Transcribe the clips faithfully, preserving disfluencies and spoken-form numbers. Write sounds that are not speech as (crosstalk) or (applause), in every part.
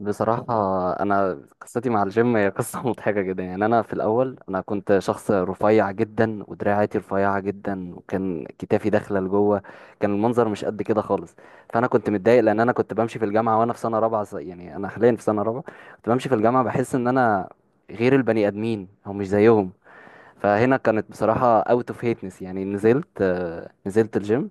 بصراحة، أنا قصتي مع الجيم هي قصة (laughs) مضحكة جدا. يعني أنا في الأول أنا كنت شخص رفيع جدا ودراعاتي رفيعة جدا وكان كتافي داخلة لجوه. كان المنظر مش قد كده خالص. فأنا كنت متضايق لأن أنا كنت بمشي في الجامعة وأنا في سنة رابعة س- يعني أنا حاليا في سنة رابعة. كنت بمشي في الجامعة بحس إن أنا غير البني آدمين أو مش زيهم. فهنا كانت بصراحة أوت أوف هيتنس. يعني نزلت آه، نزلت الجيم.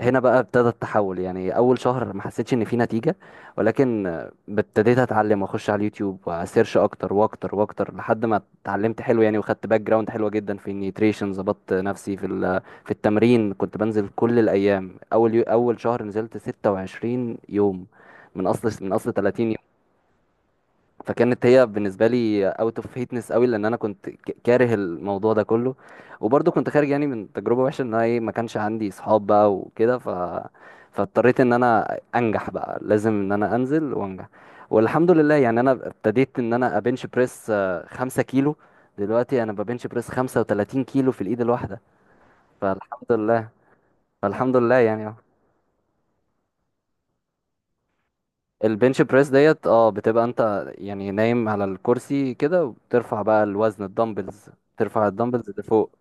هنا بقى ابتدى التحول. يعني اول شهر ما حسيتش ان في نتيجة، ولكن آه، ابتديت اتعلم واخش على اليوتيوب واسيرش اكتر واكتر واكتر لحد ما اتعلمت حلو يعني، وخدت باك جراوند حلوة جدا في النيوتريشن. ظبطت نفسي في ال- في التمرين. كنت بنزل كل الايام. اول يو- اول شهر نزلت ستة وعشرين يوم من اصل من اصل تلاتين. فكانت هي بالنسبه لي اوت اوف هيتنس قوي، لان انا كنت ك- كاره الموضوع ده كله. وبرضه كنت خارج يعني من تجربه وحشه، ان انا ايه، ما كانش عندي اصحاب بقى وكده. ف فاضطريت ان انا انجح، بقى لازم ان انا انزل وانجح. والحمد لله، يعني انا ابتديت ان انا ابنش بريس آه، خمسة كيلو. دلوقتي انا ببنش بريس خمسة وثلاثين كيلو في الايد الواحده. فالحمد لله فالحمد لله يعني. البنش بريس ديت، اه بتبقى انت يعني نايم على الكرسي كده وبترفع بقى الوزن، الدمبلز. ترفع الدمبلز لفوق.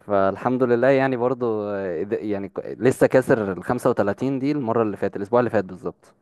فالحمد لله يعني برضو، آه، إد- يعني ك- لسه كاسر ال خمسة وتلاتين دي، المرة اللي فاتت، الأسبوع اللي فات بالظبط.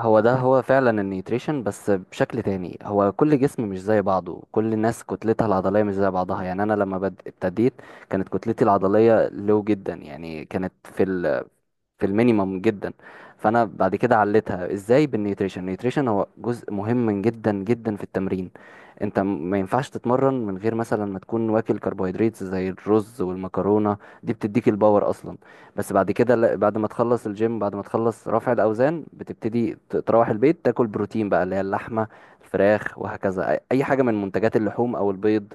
هو ده هو فعلا النيوتريشن، بس بشكل تاني. هو كل جسم مش زي بعضه، كل الناس كتلتها العضلية مش زي بعضها. يعني أنا لما بد- ابتديت كانت كتلتي العضلية لو جدا، يعني كانت في في المينيمم جدا. فانا بعد كده عليتها ازاي بالنيوتريشن. النيوتريشن هو جزء مهم جدا جدا في التمرين. انت م- ما ينفعش تتمرن من غير مثلا ما تكون واكل كربوهيدرات زي الرز والمكرونه. دي بتديك الباور اصلا. بس بعد كده، لا- بعد ما تخلص الجيم، بعد ما تخلص رفع الاوزان، بتبتدي ت- تروح البيت تاكل بروتين بقى، اللي هي اللحمه، الفراخ، وهكذا. اي أي حاجه من منتجات اللحوم او البيض.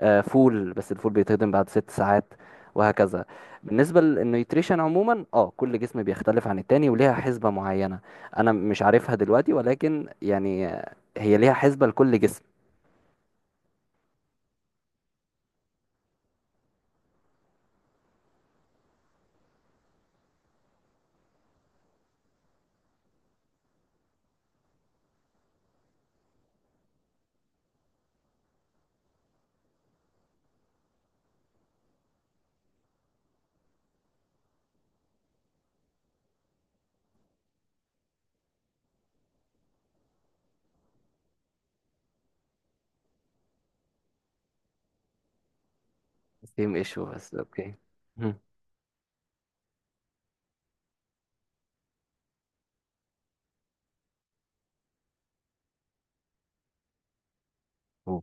آه، فول. بس الفول بيتهضم بعد ست ساعات، وهكذا. بالنسبة للنيوتريشن عموما، اه كل جسم بيختلف عن التاني وليها حسبة معينة. انا مش عارفها دلوقتي، ولكن يعني آه، هي ليها حسبة لكل جسم. سيم ايشو، بس اوكي. مم.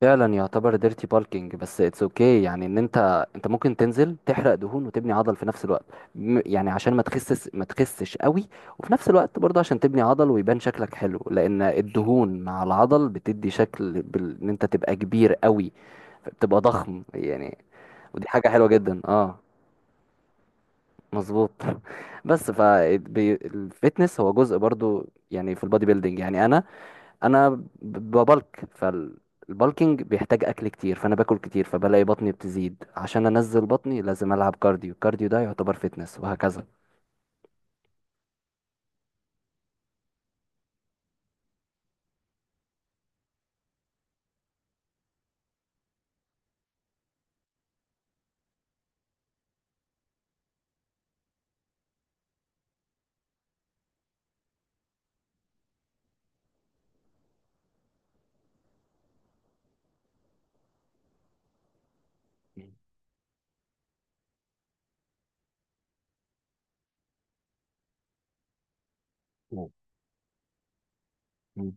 فعلا يعتبر ديرتي بالكينج، بس اتس اوكي okay. يعني ان انت، انت ممكن تنزل تحرق دهون وتبني عضل في نفس الوقت. م- يعني عشان ما تخسس ما تخسش قوي، وفي نفس الوقت برضه عشان تبني عضل ويبان شكلك حلو، لان الدهون مع العضل بتدي شكل، بال... ان انت تبقى كبير قوي، بتبقى ضخم يعني. ودي حاجة حلوة جدا، اه. مظبوط (laughs) بس فالفتنس هو جزء برضو يعني، في البادي بيلدينج. يعني انا انا ب- ببلك. فالبلكينج بيحتاج اكل كتير، فانا باكل كتير، فبلاقي بطني بتزيد. عشان انزل بطني لازم العب كارديو. الكارديو ده يعتبر فيتنس، وهكذا. مم. مم.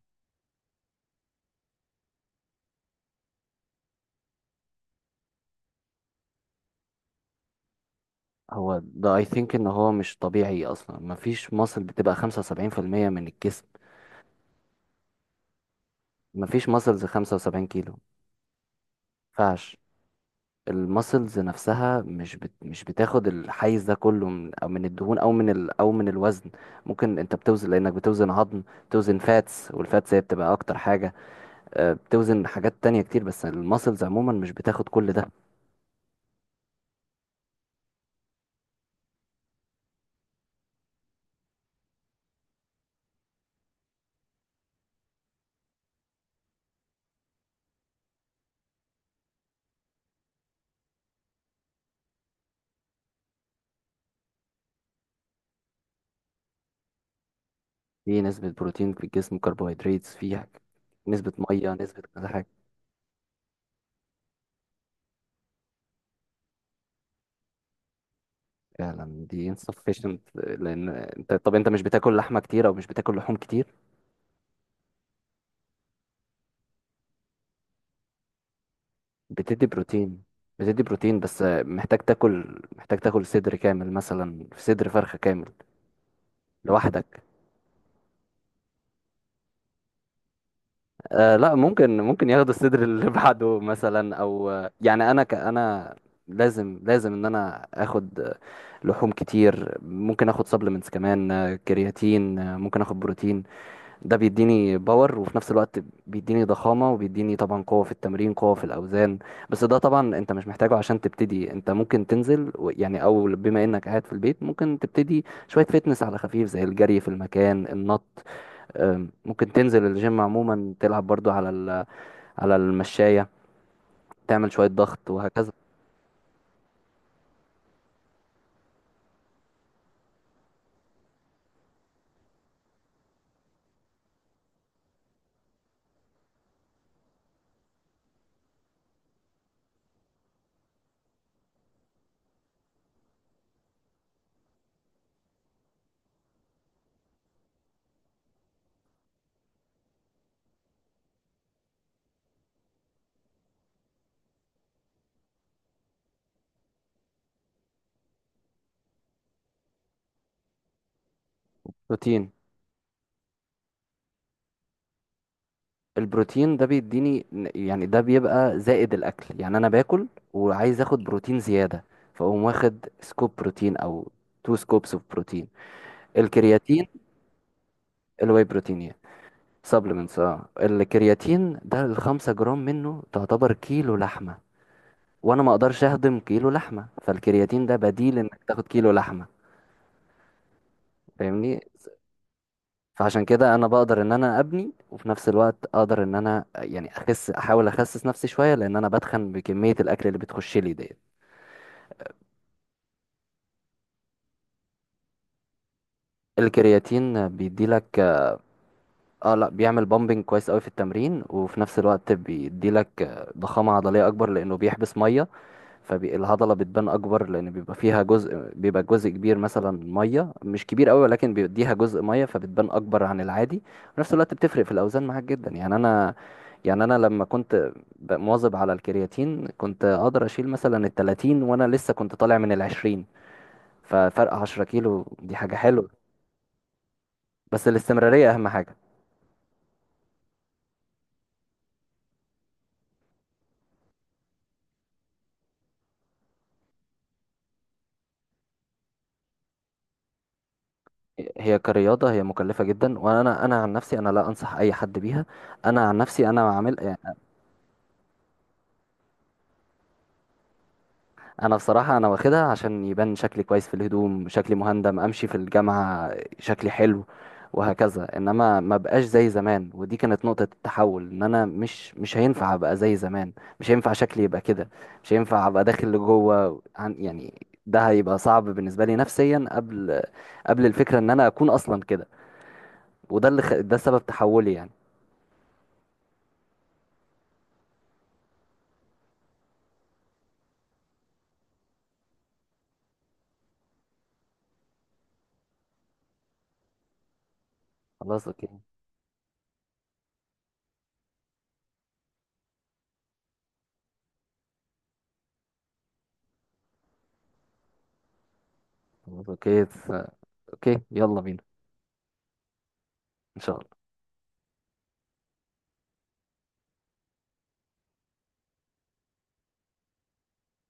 هو ده، اي ثينك ان هو مش طبيعي اصلا. مفيش ماسل بتبقى خمسة وسبعين في المية من الجسم. مفيش ماسلز خمسة وسبعين كيلو. مينفعش. الماسلز نفسها مش بت... مش بتاخد الحيز ده كله، من أو من الدهون، او من ال... او من الوزن. ممكن انت بتوزن لانك بتوزن عظم، بتوزن فاتس، والفاتس هي بتبقى اكتر حاجة. آه، بتوزن حاجات تانية كتير، بس الماسلز عموما مش بتاخد كل ده. في نسبة بروتين في الجسم، كربوهيدرات، في حاجة- نسبة مية، نسبة كذا حاجة. فعلا دي insufficient، لأن انت، طب انت مش بتاكل لحمة كتير أو مش بتاكل لحوم كتير. بتدي بروتين بتدي بروتين، بس آه، محتاج تاكل محتاج تاكل صدر كامل مثلا، في صدر فرخة كامل لوحدك. آه لا، ممكن ممكن ياخدوا الصدر اللي (laughs) بعده مثلا، او آه، يعني انا، ك انا لازم لازم ان انا اخد آه، لحوم كتير. ممكن اخد سبلمنتس كمان، آه، كرياتين، آه، ممكن اخد بروتين. ده بيديني باور، وفي نفس الوقت بيديني ضخامة، وبيديني طبعا قوة في التمرين، قوة في الاوزان. بس ده طبعا انت مش محتاجه عشان تبتدي. انت ممكن تنزل و- يعني، او بما انك قاعد في البيت ممكن تبتدي شوية فيتنس على خفيف، زي الجري في المكان، النط. أم، ممكن تنزل الجيم عموما، تلعب برضو على ال- على المشاية، تعمل شوية ضغط، وهكذا. بروتين. البروتين ده بيديني، يعني ده بيبقى زائد الأكل. يعني أنا باكل وعايز أخد بروتين زيادة، فأقوم واخد سكوب بروتين أو تو سكوبس اوف بروتين. الكرياتين، الواي بروتين، سبلمنتس. اه الكرياتين ده الخمسة جرام منه تعتبر كيلو لحمة، وأنا ما أقدرش أهضم كيلو لحمة، فالكرياتين ده بديل إنك تاخد كيلو لحمة، فاهمني؟ فعشان كده انا بقدر ان انا ابني، وفي نفس الوقت اقدر ان انا يعني اخس، احاول اخسس نفسي شويه، لان انا بتخن بكميه الاكل اللي بتخش لي ديت. الكرياتين بيدي لك، اه، لا، بيعمل بامبنج كويس قوي في التمرين، وفي نفس الوقت بيدي لك ضخامه عضليه اكبر لانه بيحبس ميه. فالهضلة بتبان أكبر، لأن بيبقى فيها جزء، بيبقى جزء كبير مثلا مية، مش كبير أوي، ولكن بيديها جزء مية، فبتبان أكبر عن العادي. في نفس الوقت بتفرق في الأوزان معاك جدا. يعني أنا يعني أنا لما كنت ب- مواظب على الكرياتين كنت أقدر أشيل مثلا التلاتين وأنا لسه كنت طالع من العشرين. ففرق عشرة كيلو دي حاجة حلوة. بس الاستمرارية أهم حاجة. هي كرياضة هي مكلفة جدا. وأنا أنا عن نفسي أنا لا أنصح أي حد بيها. أنا عن نفسي أنا عامل. انا بصراحه انا واخدها عشان يبان شكلي كويس في الهدوم، شكلي مهندم، امشي في الجامعه شكلي حلو، وهكذا. انما ما بقاش زي زمان، ودي كانت نقطه التحول، ان انا مش مش هينفع ابقى زي زمان. مش هينفع شكلي يبقى كده. مش هينفع ابقى داخل لجوه. عن يعني ده هيبقى صعب بالنسبه لي نفسيا، قبل قبل الفكره ان انا اكون اصلا كده. وده اللي خ... ده سبب تحولي يعني. خلاص، اوكي. خلاص، اوكي. اوكي، يلا بينا. ان شاء الله.